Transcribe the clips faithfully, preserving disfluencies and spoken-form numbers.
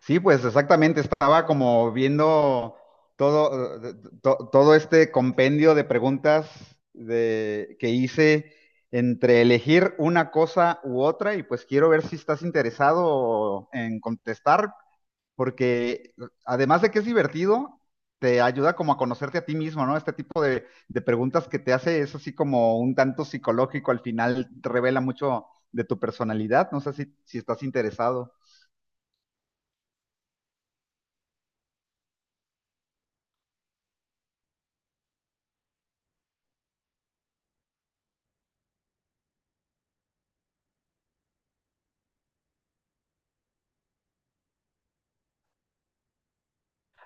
Sí, pues exactamente, estaba como viendo todo, eh, to- todo este compendio de preguntas de, que hice entre elegir una cosa u otra y pues quiero ver si estás interesado en contestar, porque eh, además de que es divertido, te ayuda como a conocerte a ti mismo, ¿no? Este tipo de, de preguntas que te hace es así como un tanto psicológico, al final te revela mucho de tu personalidad, no sé si, si estás interesado.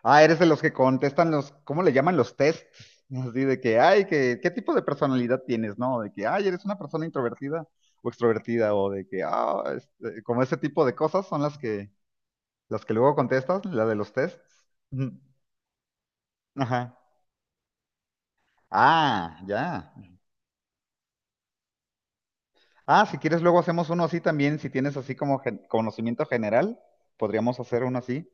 Ah, eres de los que contestan los, ¿cómo le llaman los tests? Así de que, ay, que, ¿qué tipo de personalidad tienes, no? De que, ay, eres una persona introvertida o extrovertida, o de que, ah, este, como ese tipo de cosas son las que, las que luego contestas, la de los tests. Ujú. Ajá. Ah, ya. Ah, si quieres luego hacemos uno así también, si tienes así como gen- conocimiento general, podríamos hacer uno así.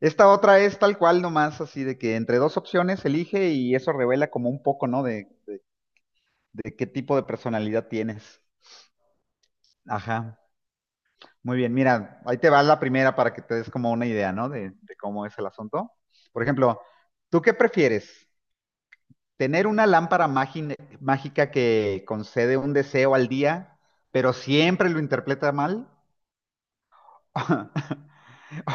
Esta otra es tal cual nomás, así de que entre dos opciones elige y eso revela como un poco, ¿no? De qué tipo de personalidad tienes. Ajá. Muy bien, mira, ahí te va la primera para que te des como una idea, ¿no? De, de cómo es el asunto. Por ejemplo, ¿tú qué prefieres? ¿Tener una lámpara mágin- mágica que concede un deseo al día, pero siempre lo interpreta mal?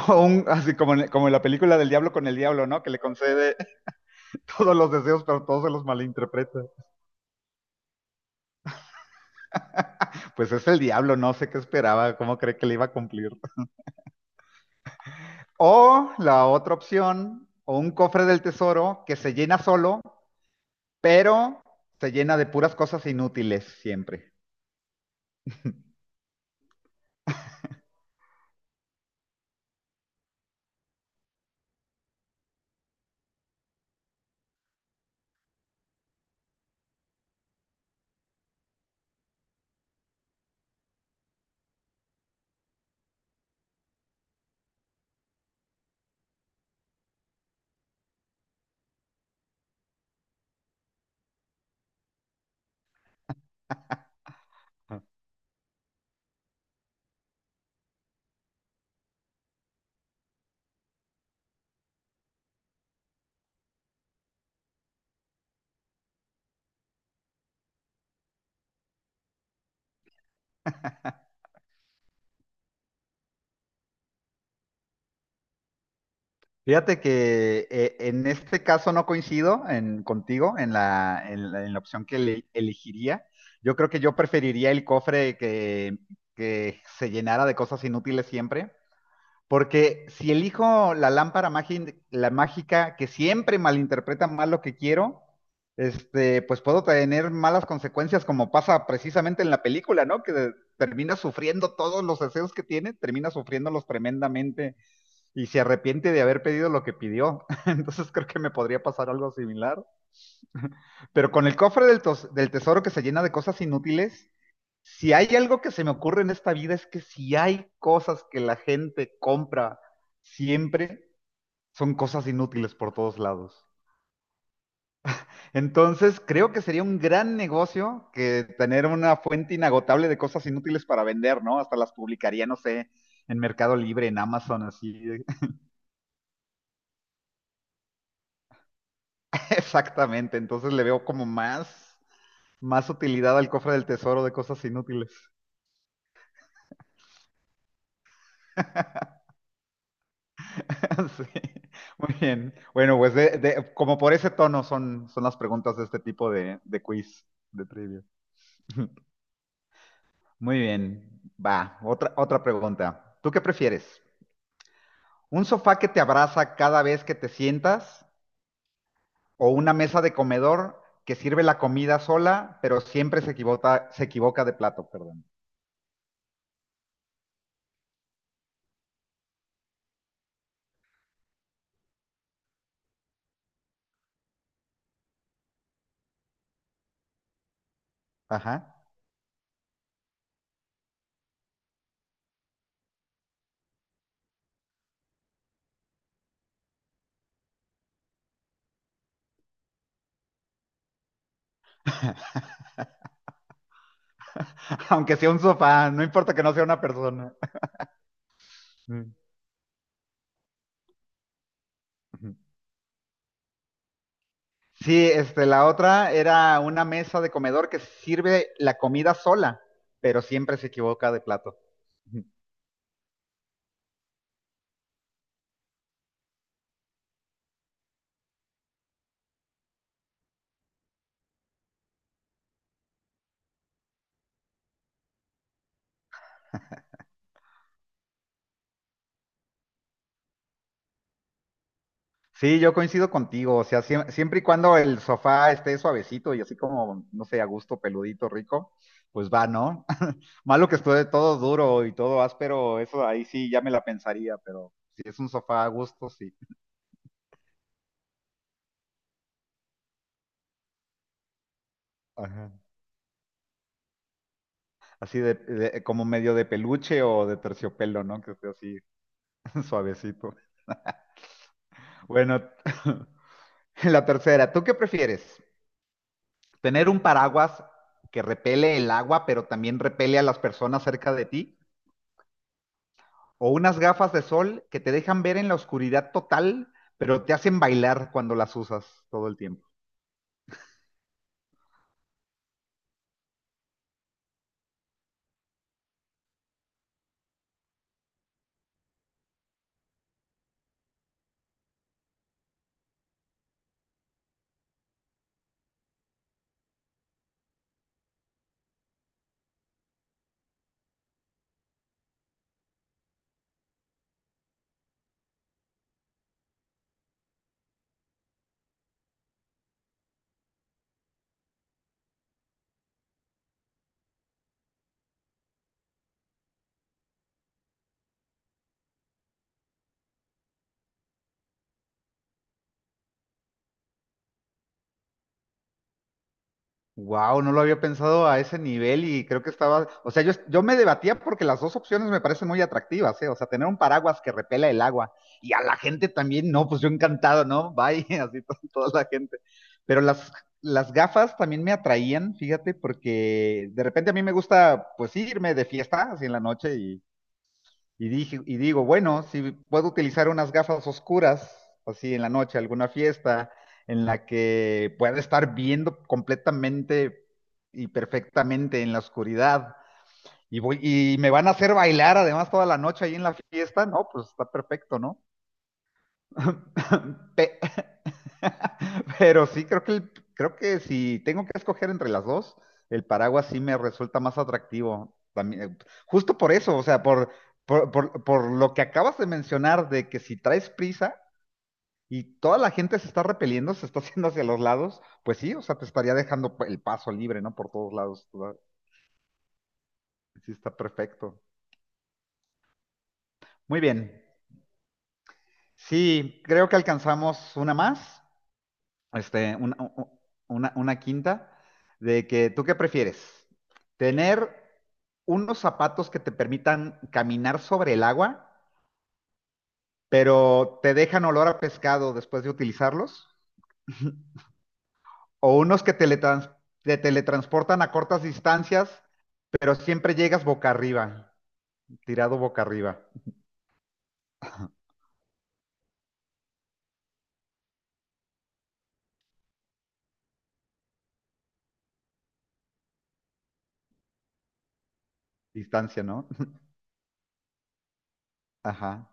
¿O un, así como en, como en la película del diablo con el diablo, ¿no? Que le concede todos los deseos, pero todos se los malinterpreta? Pues es el diablo, no sé qué esperaba, cómo cree que le iba a cumplir. O la otra opción, o un cofre del tesoro que se llena solo, pero se llena de puras cosas inútiles siempre. Fíjate que eh, en este caso no coincido en- contigo en la, en la- en la opción que le- elegiría. Yo creo que yo preferiría el cofre que, que se llenara de cosas inútiles siempre. Porque si elijo la lámpara mági- la mágica que siempre malinterpreta mal lo que quiero, este, pues puedo tener malas consecuencias como pasa precisamente en la película, ¿no? Que de- termina sufriendo todos los deseos que tiene, termina sufriéndolos tremendamente y se arrepiente de haber pedido lo que pidió. Entonces creo que me podría pasar algo similar. Pero con el cofre del, tos- del tesoro que se llena de cosas inútiles, si hay algo que se me ocurre en esta vida es que si hay cosas que la gente compra siempre, son cosas inútiles por todos lados. Entonces, creo que sería un gran negocio que tener una fuente inagotable de cosas inútiles para vender, ¿no? Hasta las publicaría, no sé, en Mercado Libre, en Amazon, así. Exactamente. Entonces le veo como más, más utilidad al cofre del tesoro de cosas inútiles. Sí, muy bien. Bueno, pues de- de- como por ese tono son, son las preguntas de este tipo de, de quiz, de trivia. Muy bien, va, otra, otra pregunta. ¿Tú qué prefieres? ¿Un sofá que te abraza cada vez que te sientas o una mesa de comedor que sirve la comida sola, pero siempre se equivoca, se equivoca de plato, perdón? Ajá. Aunque sea un sofá, no importa que no sea una persona. Mm. Sí, este, la otra era una mesa de comedor que sirve la comida sola, pero siempre se equivoca de plato. Ujú. Sí, yo coincido contigo, o sea, siem- siempre y cuando el sofá esté suavecito y así como, no sé, a gusto, peludito, rico, pues va, ¿no? Malo que esté todo duro y todo áspero, eso ahí sí ya me la pensaría, pero si es un sofá a gusto, sí. Ajá. Así de, de- como medio de peluche o de terciopelo, ¿no? Que esté así suavecito. Bueno, la tercera, ¿tú qué prefieres? ¿Tener un paraguas que repele el agua, pero también repele a las personas cerca de ti? ¿O unas gafas de sol que te dejan ver en la oscuridad total, pero te hacen bailar cuando las usas todo el tiempo? Wow, no lo había pensado a ese nivel y creo que estaba, o sea, yo, yo me debatía porque las dos opciones me parecen muy atractivas, ¿eh? O sea, tener un paraguas que repela el agua y a la gente también, no, pues yo encantado, ¿no? Bye, así to- toda la gente. Pero las, las gafas también me atraían, fíjate, porque de repente a mí me gusta, pues irme de fiesta, así en la noche y, dije, y digo, bueno, si puedo utilizar unas gafas oscuras, así en la noche, alguna fiesta, en la que pueda estar viendo completamente y perfectamente en la oscuridad, y, voy, y me van a hacer bailar además toda la noche ahí en la fiesta, no, pues está perfecto, ¿no? Pe- Pero sí, creo que, el- creo que si tengo que escoger entre las dos, el paraguas sí me resulta más atractivo. También, eh, justo por eso, o sea, por, por, por- por lo que acabas de mencionar de que si traes prisa y toda la gente se está repeliendo, se está haciendo hacia los lados, pues sí, o sea, te estaría dejando el paso libre, ¿no? Por todos lados. toda- Sí, está perfecto. Muy bien. Sí, creo que alcanzamos una más. Este, una, una- una quinta, de que tú qué prefieres, tener unos zapatos que te permitan caminar sobre el agua, pero te dejan olor a pescado después de utilizarlos, o unos que teletrans- te teletransportan a cortas distancias, pero siempre llegas boca arriba, tirado boca arriba, distancia, ¿no? Ajá.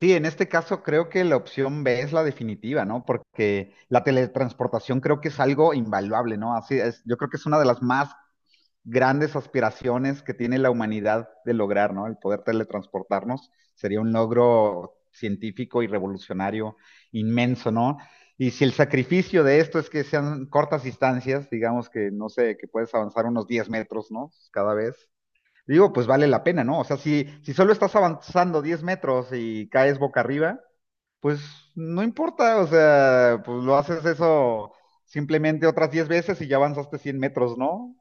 Sí, en este caso creo que la opción B es la definitiva, ¿no? Porque la teletransportación creo que es algo invaluable, ¿no? Así es, yo creo que es una de las más grandes aspiraciones que tiene la humanidad de lograr, ¿no? El poder teletransportarnos sería un logro científico y revolucionario inmenso, ¿no? Y si el sacrificio de esto es que sean cortas distancias, digamos que no sé, que puedes avanzar unos diez metros, ¿no? Cada vez, digo, pues vale la pena, ¿no? O sea, si, si solo estás avanzando diez metros y caes boca arriba, pues no importa, o sea, pues lo haces eso simplemente otras diez veces y ya avanzaste cien metros, ¿no?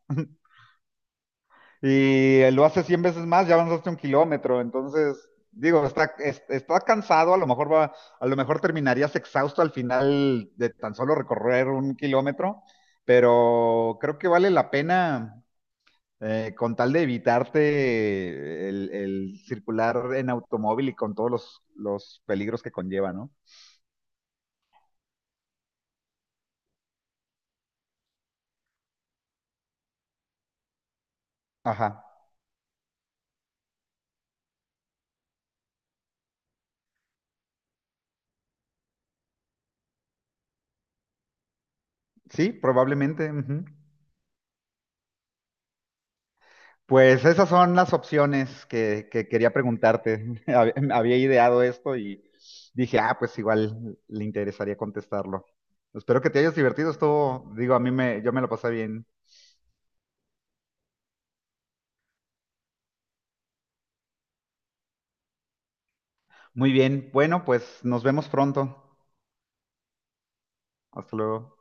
Y eh, lo haces cien veces más, ya avanzaste un kilómetro, entonces, digo, está, es- está cansado, a lo mejor va, a lo mejor terminarías exhausto al final de tan solo recorrer un kilómetro, pero creo que vale la pena eh, con tal de evitarte el, el, circular en automóvil y con todos los, los peligros que conlleva, ¿no? Ajá. Sí, probablemente. Ujú. Pues esas son las opciones que, que quería preguntarte. Hab- Había ideado esto y dije, ah, pues igual le interesaría contestarlo. Espero que te hayas divertido. Esto, digo, a mí me, yo me lo pasé bien. Muy bien. Bueno, pues nos vemos pronto. Hasta luego.